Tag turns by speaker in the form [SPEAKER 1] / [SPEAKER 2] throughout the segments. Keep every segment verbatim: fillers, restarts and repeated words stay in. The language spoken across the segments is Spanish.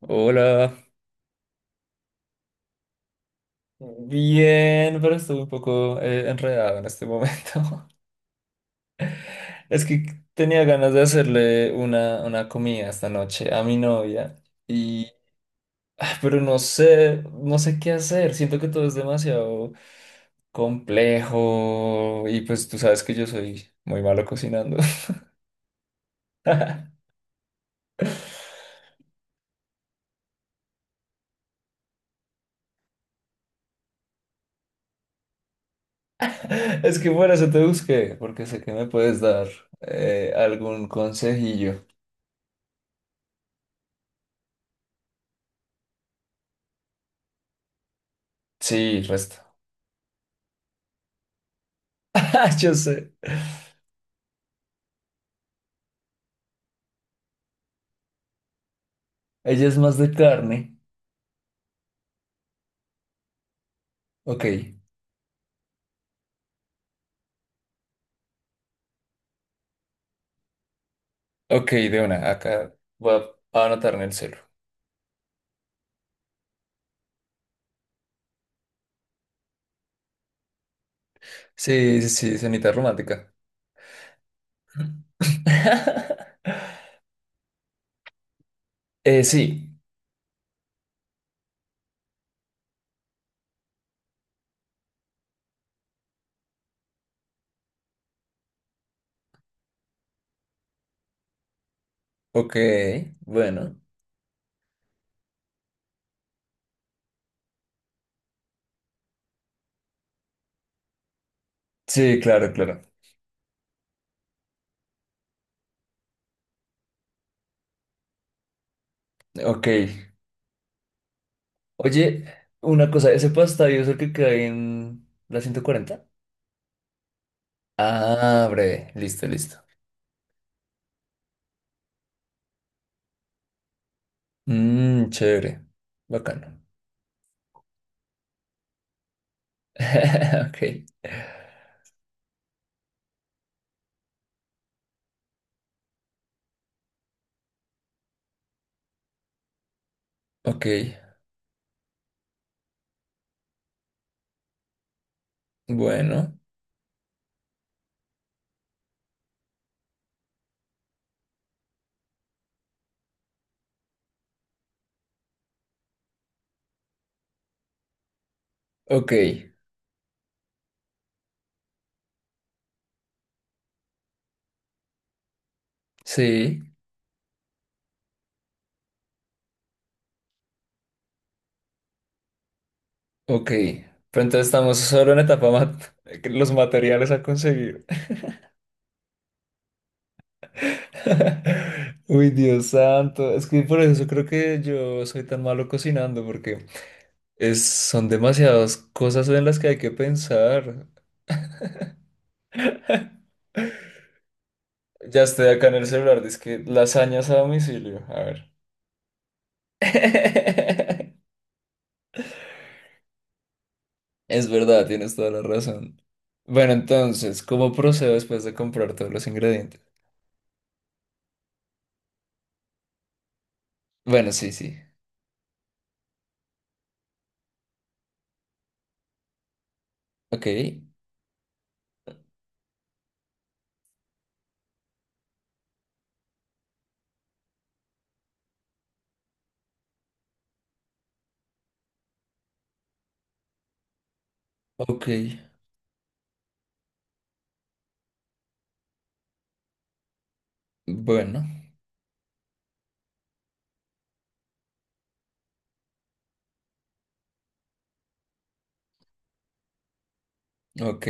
[SPEAKER 1] Hola. Bien, pero estoy un poco eh, enredado en este momento. Es que tenía ganas de hacerle una, una comida esta noche a mi novia y ah, pero no sé, no sé qué hacer. Siento que todo es demasiado complejo y pues tú sabes que yo soy muy malo cocinando. Es que por eso te busqué, porque sé que me puedes dar eh, algún consejillo. Sí, resto. Yo sé. Ella es más de carne. Ok, ok, de una. Acá voy a a anotar en el celu. Sí, sí, sí, cenita romántica. Eh, sí. Ok, bueno. Sí, claro, claro. Ok. Oye, una cosa, ¿ese pastadio es el que cae en la ciento cuarenta? Ah, breve. Listo, listo. Mmm, chévere. Bacano. Ok, ok. Bueno, ok. Sí. Ok, pero entonces estamos solo en etapa mat- los materiales a conseguir. Uy, Dios santo, es que por eso creo que yo soy tan malo cocinando, porque es, son demasiadas cosas en las que hay que pensar. Ya estoy acá en el celular, dice que lasañas a domicilio, a ver. Es verdad, tienes toda la razón. Bueno, entonces, ¿cómo procedo después de comprar todos los ingredientes? Bueno, sí, sí. Ok, ok, bueno, ok.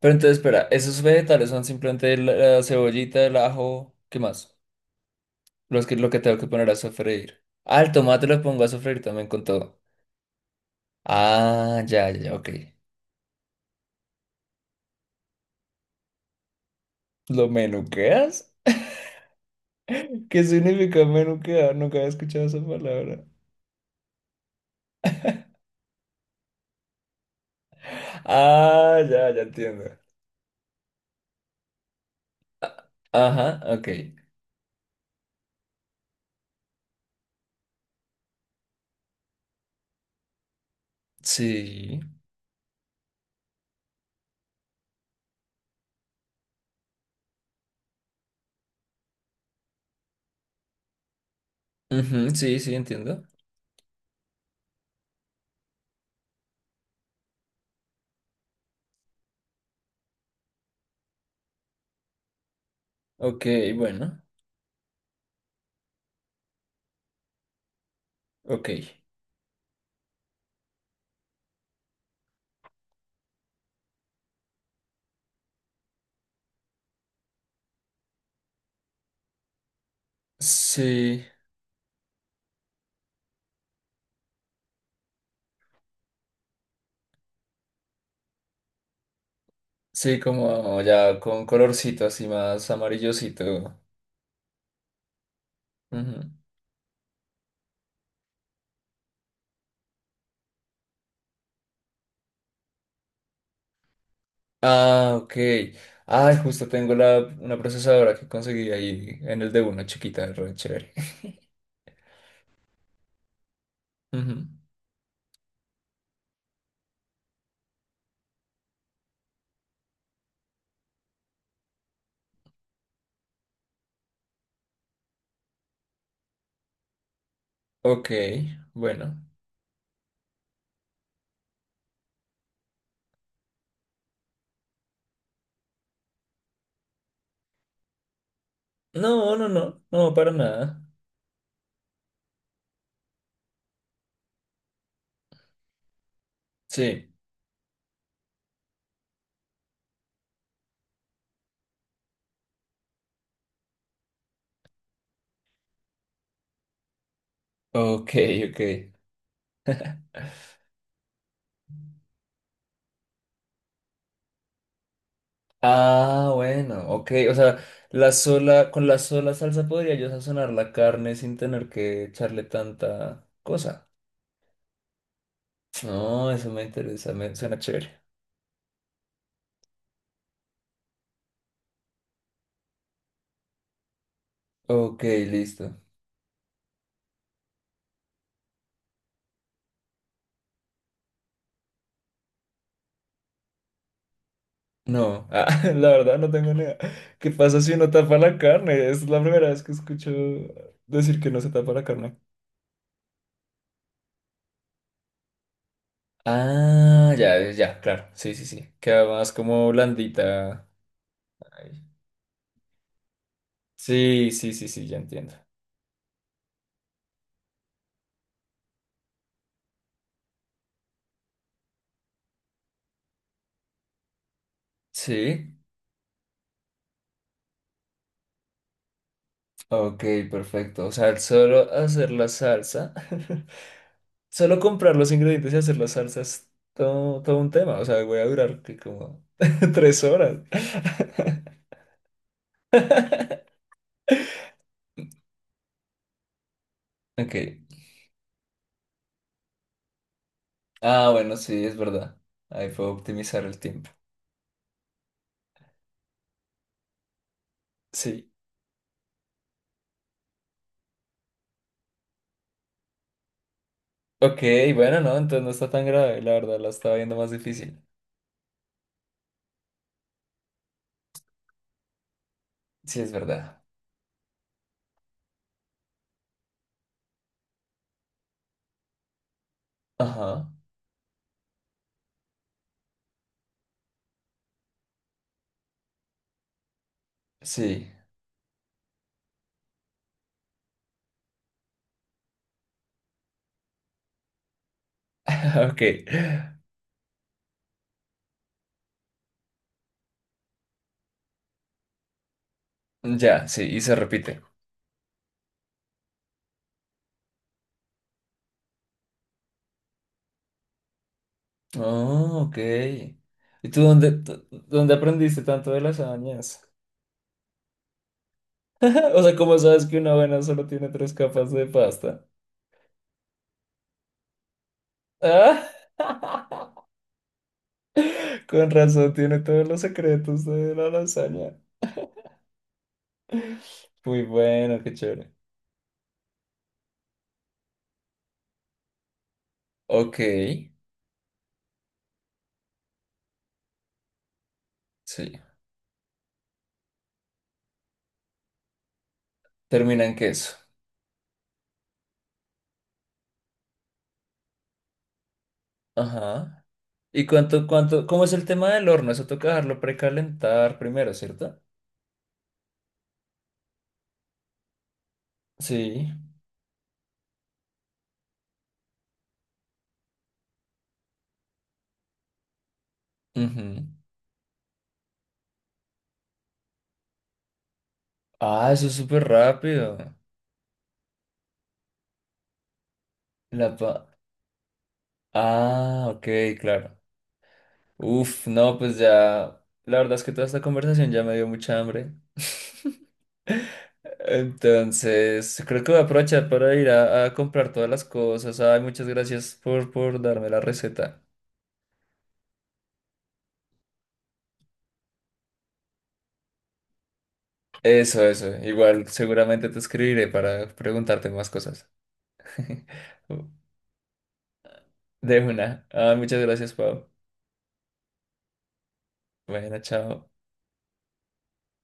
[SPEAKER 1] Pero entonces, espera, esos vegetales son simplemente la, la cebollita, el ajo, ¿qué más? Los que, lo que tengo que poner a sofreír. Ah, el tomate lo pongo a sofreír también con todo. Ah, ya, ya, ya, ok. ¿Lo menuqueas? ¿Qué significa menuquear? Nunca había escuchado esa palabra. Ah, ya, ya entiendo. A- Ajá, ok. Sí. Ujú, sí, sí, entiendo. Ok, bueno, ok. Sí, sí, como ya con colorcito así más amarillosito. Ujú. Ah, ok. Ay, justo tengo la, una procesadora que conseguí ahí en el de una chiquita, re chévere. Ujú. Ok, bueno. No, no, no, no, para nada. Sí. Ok, ok. Ah, bueno, ok. O sea, la sola, con la sola salsa podría yo sazonar la carne sin tener que echarle tanta cosa. No, eso me interesa, me suena chévere. Ok, listo. No, ah, la verdad no tengo ni idea. ¿Qué pasa si uno tapa la carne? Es la primera vez que escucho decir que no se tapa la carne. Ah, ya, ya, claro. Sí, sí, sí. Queda más como blandita. Ay. Sí, sí, sí, sí, ya entiendo. Sí. Ok, perfecto. O sea, el solo hacer la salsa. Solo comprar los ingredientes y hacer la salsa es todo, todo un tema. O sea, voy a durar que como tres horas. Ok. Ah, bueno, sí, es verdad. Ahí puedo optimizar el tiempo. Sí. Ok, bueno, no, entonces no está tan grave, la verdad, la estaba viendo más difícil. Sí, es verdad. Ajá, sí. Ok, ya, sí, y se repite. Oh, ok. ¿Y tú dónde, tú- dónde aprendiste tanto de lasañas? O sea, ¿cómo sabes que una buena solo tiene tres capas de pasta? Ah, con razón, tiene todos los secretos de la lasaña. Muy bueno, qué chévere. Ok, sí. Termina en queso. Ajá. ¿Y cuánto, cuánto, cómo es el tema del horno? Eso toca dejarlo precalentar primero, ¿cierto? Sí. Ujú. Ah, eso es súper rápido. La pa... Ah, ok, claro. Uf, no, pues ya. La verdad es que toda esta conversación ya me dio mucha hambre. Entonces, creo que voy a aprovechar para ir a, a comprar todas las cosas. Ay, muchas gracias por, por darme la receta. Eso, eso. Igual seguramente te escribiré para preguntarte más cosas. De una. Ah, muchas gracias, Pau. Bueno, chao.